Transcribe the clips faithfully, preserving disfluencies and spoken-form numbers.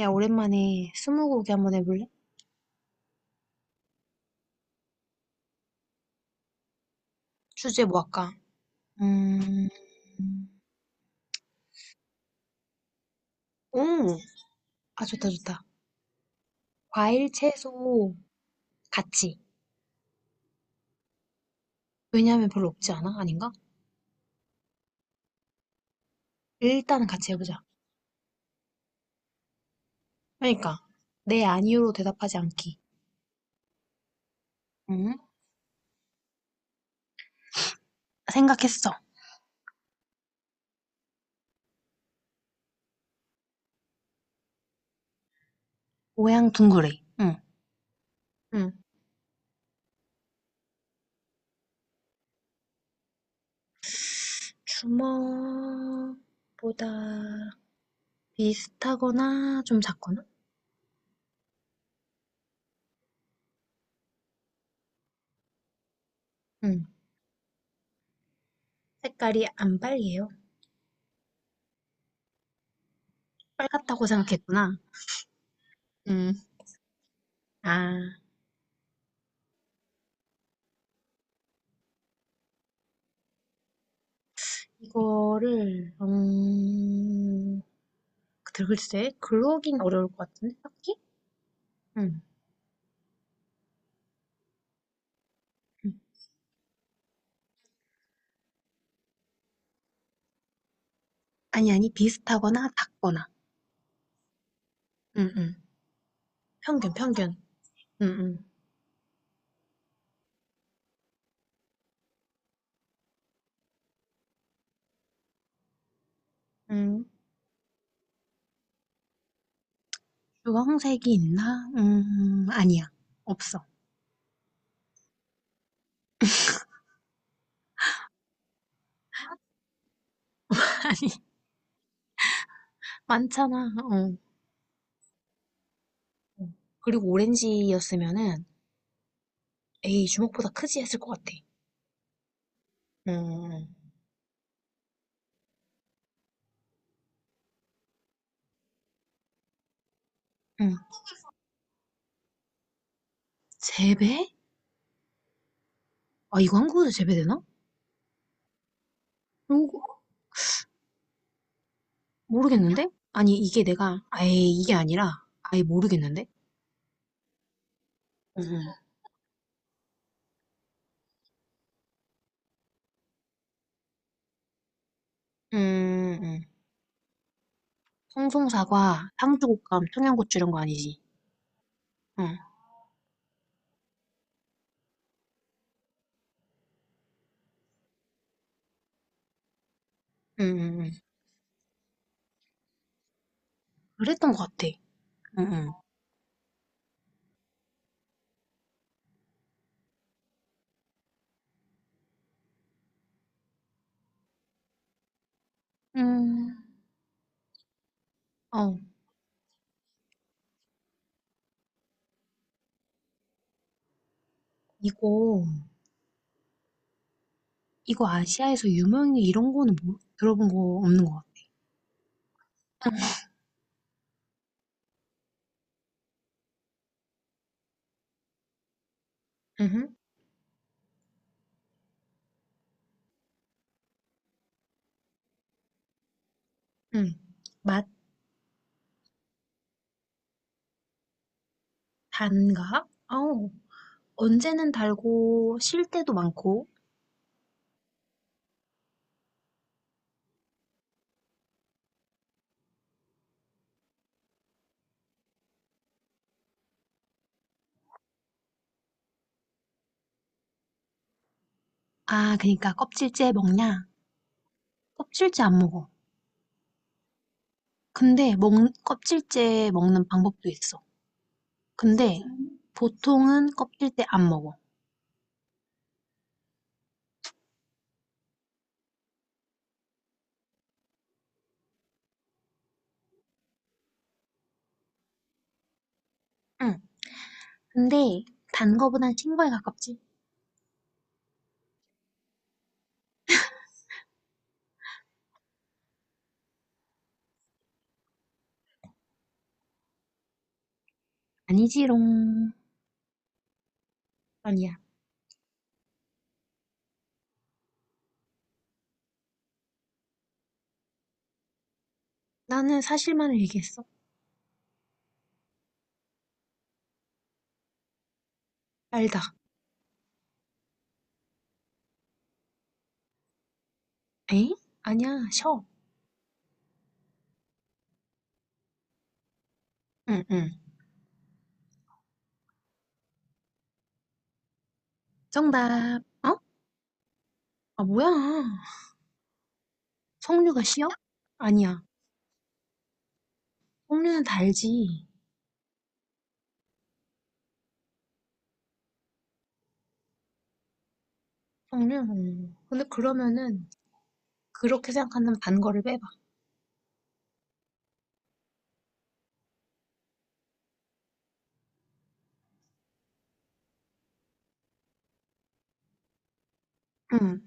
야, 오랜만에 스무고개 한번 해볼래? 주제 뭐 할까? 음, 오, 아, 좋다, 좋다. 과일, 채소, 같이. 왜냐하면 별로 없지 않아? 아닌가? 일단은 같이 해보자. 그러니까, 네, 아니요로 대답하지 않기. 응? 생각했어. 모양 둥그레. 응. 응. 주먹보다 비슷하거나 좀 작거나? 응. 색깔이 안 빨개요. 빨갛다고 생각했구나. 응. 아. 이거를 음... 글- 글쎄 글로긴 어려울 것 같은데 딱히? 응. 응. 아니, 아니, 비슷하거나 같거나. 응, 응. 편견, 편견. 응, 응. 음, 주황색이 있나? 음, 아니야. 없어. 아니, 많잖아. 어. 어. 그리고 오렌지였으면은, 에이, 주먹보다 크지 했을 것 같아. 응, 응. 응. 재배? 아, 이거 한국에도 재배되나? 이거 모르겠는데? 아니, 이게 내가 아예 이게 아니라 아예 모르겠는데? 응, 응. 음, 음. 송송사과, 상주곶감, 청양고추 이런 거 아니지? 응, 응, 응, 응. 그랬던 것 같아. 응, 응. 음, 어, 이거, 이거 아시아에서 유명해 이런 거는 뭐, 들어본 거 없는 것 같아. 응, 응. 맛, 단가? 어우 언제는 달고, 실 때도 많고. 아, 그니까 껍질째 먹냐? 껍질째 안 먹어. 근데 먹, 껍질째 먹는 방법도 있어. 근데 보통은 껍질째 안 먹어. 응. 근데 단 거보단 신 거에 가깝지? 아니지롱. 아니야. 나는 사실만을 얘기했어. 알다. 에? 아니야. 셔. 응, 응. 정답. 어? 아, 뭐야. 석류가 쉬어? 아니야. 석류는 달지. 석류. 응. 근데 그러면은 그렇게 생각한다면 단 거를 빼봐. 응.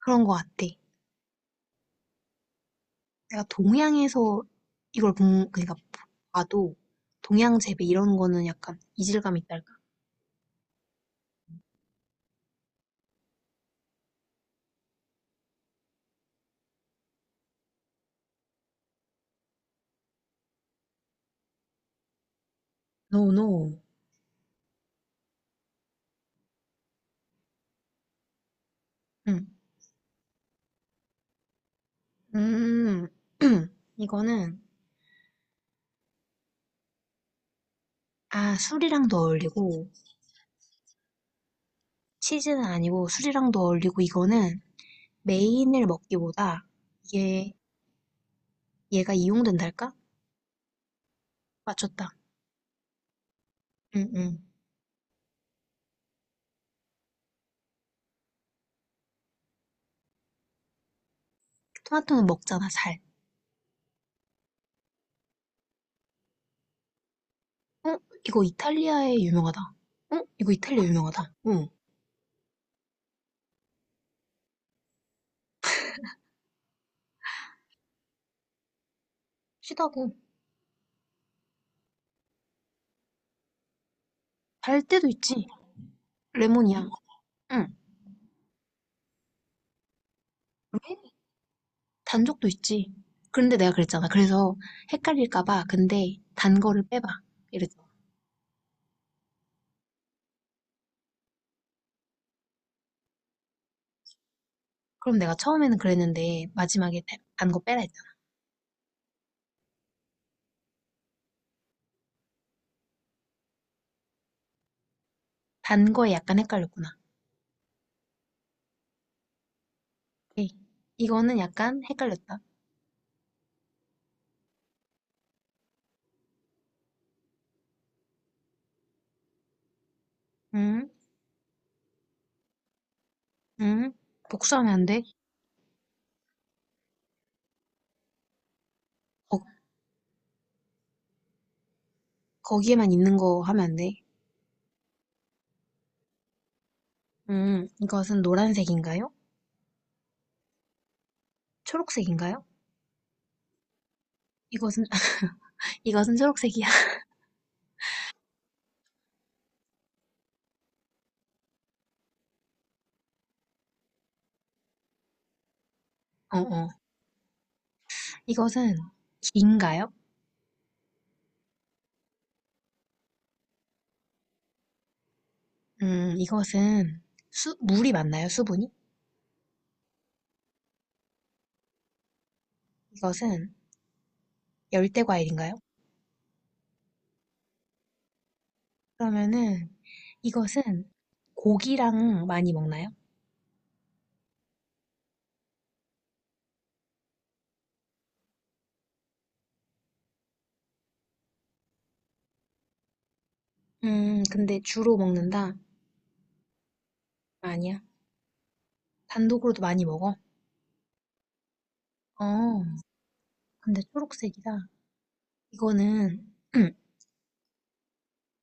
그런 거 같아. 내가 동양에서 이걸 본 그러니까 봐도 동양 재배 이런 거는 약간 이질감이 있달까? No, no. 응. 음, 이거는, 아, 술이랑도 어울리고, 치즈는 아니고 술이랑도 어울리고, 이거는 메인을 먹기보다, 얘, 얘가 이용된달까? 맞췄다. 응, 응. 토마토는 먹잖아, 잘. 어? 이거 이탈리아에 유명하다. 어? 이거 이탈리아 유명하다. 응. 시다고. 달 때도 있지. 레몬이야. 응. 왜? 단적도 있지. 그런데 내가 그랬잖아. 그래서 헷갈릴까 봐 근데 단 거를 빼봐. 이랬죠. 그럼 내가 처음에는 그랬는데 마지막에 단거 빼라 했잖아. 단 거에 약간 헷갈렸구나. 오케이. 이거는 약간 헷갈렸다. 음, 음. 복수하면 안 돼. 거, 거기에만 있는 거 하면 안 돼. 음, 이것은 노란색인가요? 초록색인가요? 이것은 이것은 초록색이야. 어, 어. 이것은 긴가요? 음, 이것은 수, 물이 맞나요? 수분이? 이것은 열대 과일인가요? 그러면은 이것은 고기랑 많이 먹나요? 음, 근데 주로 먹는다? 아니야. 단독으로도 많이 먹어? 어, 근데 초록색이다. 이거는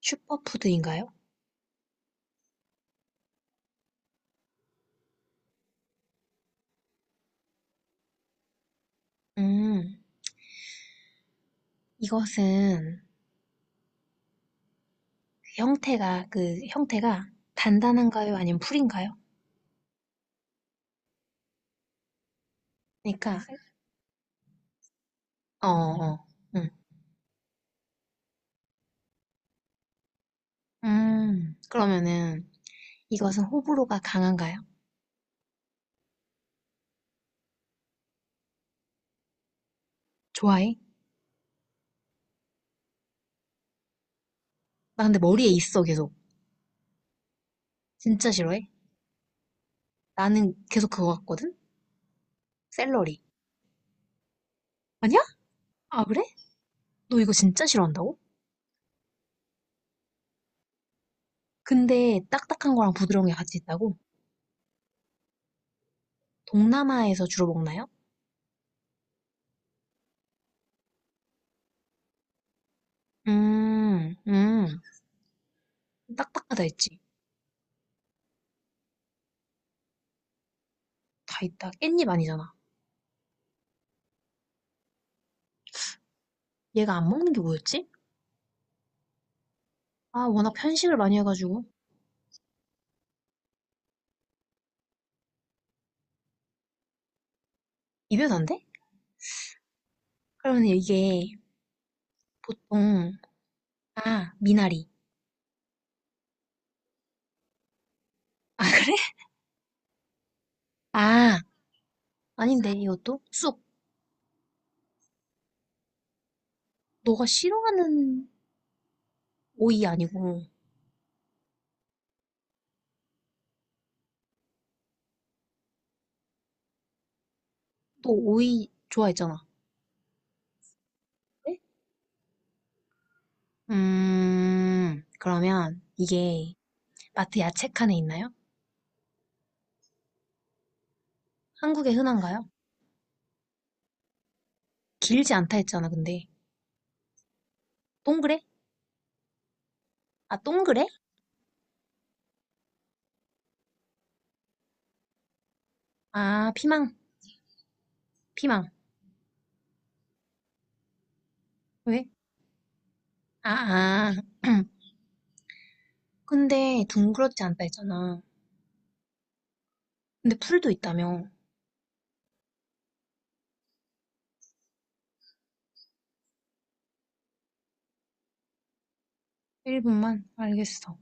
슈퍼푸드인가요? 음, 이것은 형태가 그 형태가 단단한가요? 아니면 풀인가요? 그러니까 어, 어, 응. 음, 그러면은 이것은 호불호가 강한가요? 좋아해? 나 근데 머리에 있어 계속. 진짜 싫어해? 나는 계속 그거 같거든? 샐러리. 아니야? 아, 그래? 너 이거 진짜 싫어한다고? 근데 딱딱한 거랑 부드러운 게 같이 있다고? 동남아에서 주로 먹나요? 음, 음. 딱딱하다 했지. 다 있다. 깻잎 아니잖아. 얘가 안 먹는 게 뭐였지? 아, 워낙 편식을 많이 해가지고. 입에도 안 돼? 그러면 이게 보통, 아, 미나리. 아, 그래? 아, 아닌데, 이것도? 쑥. 너가 싫어하는 오이 아니고, 또 오이 좋아했잖아. 네? 음, 그러면 이게 마트 야채 칸에 있나요? 한국에 흔한가요? 길지 않다 했잖아, 근데. 동그래? 아, 동그래? 아, 피망, 피망. 왜? 아, 아. 근데 둥그렇지 않다 했잖아. 근데 풀도 있다며. 일 분만? 알겠어.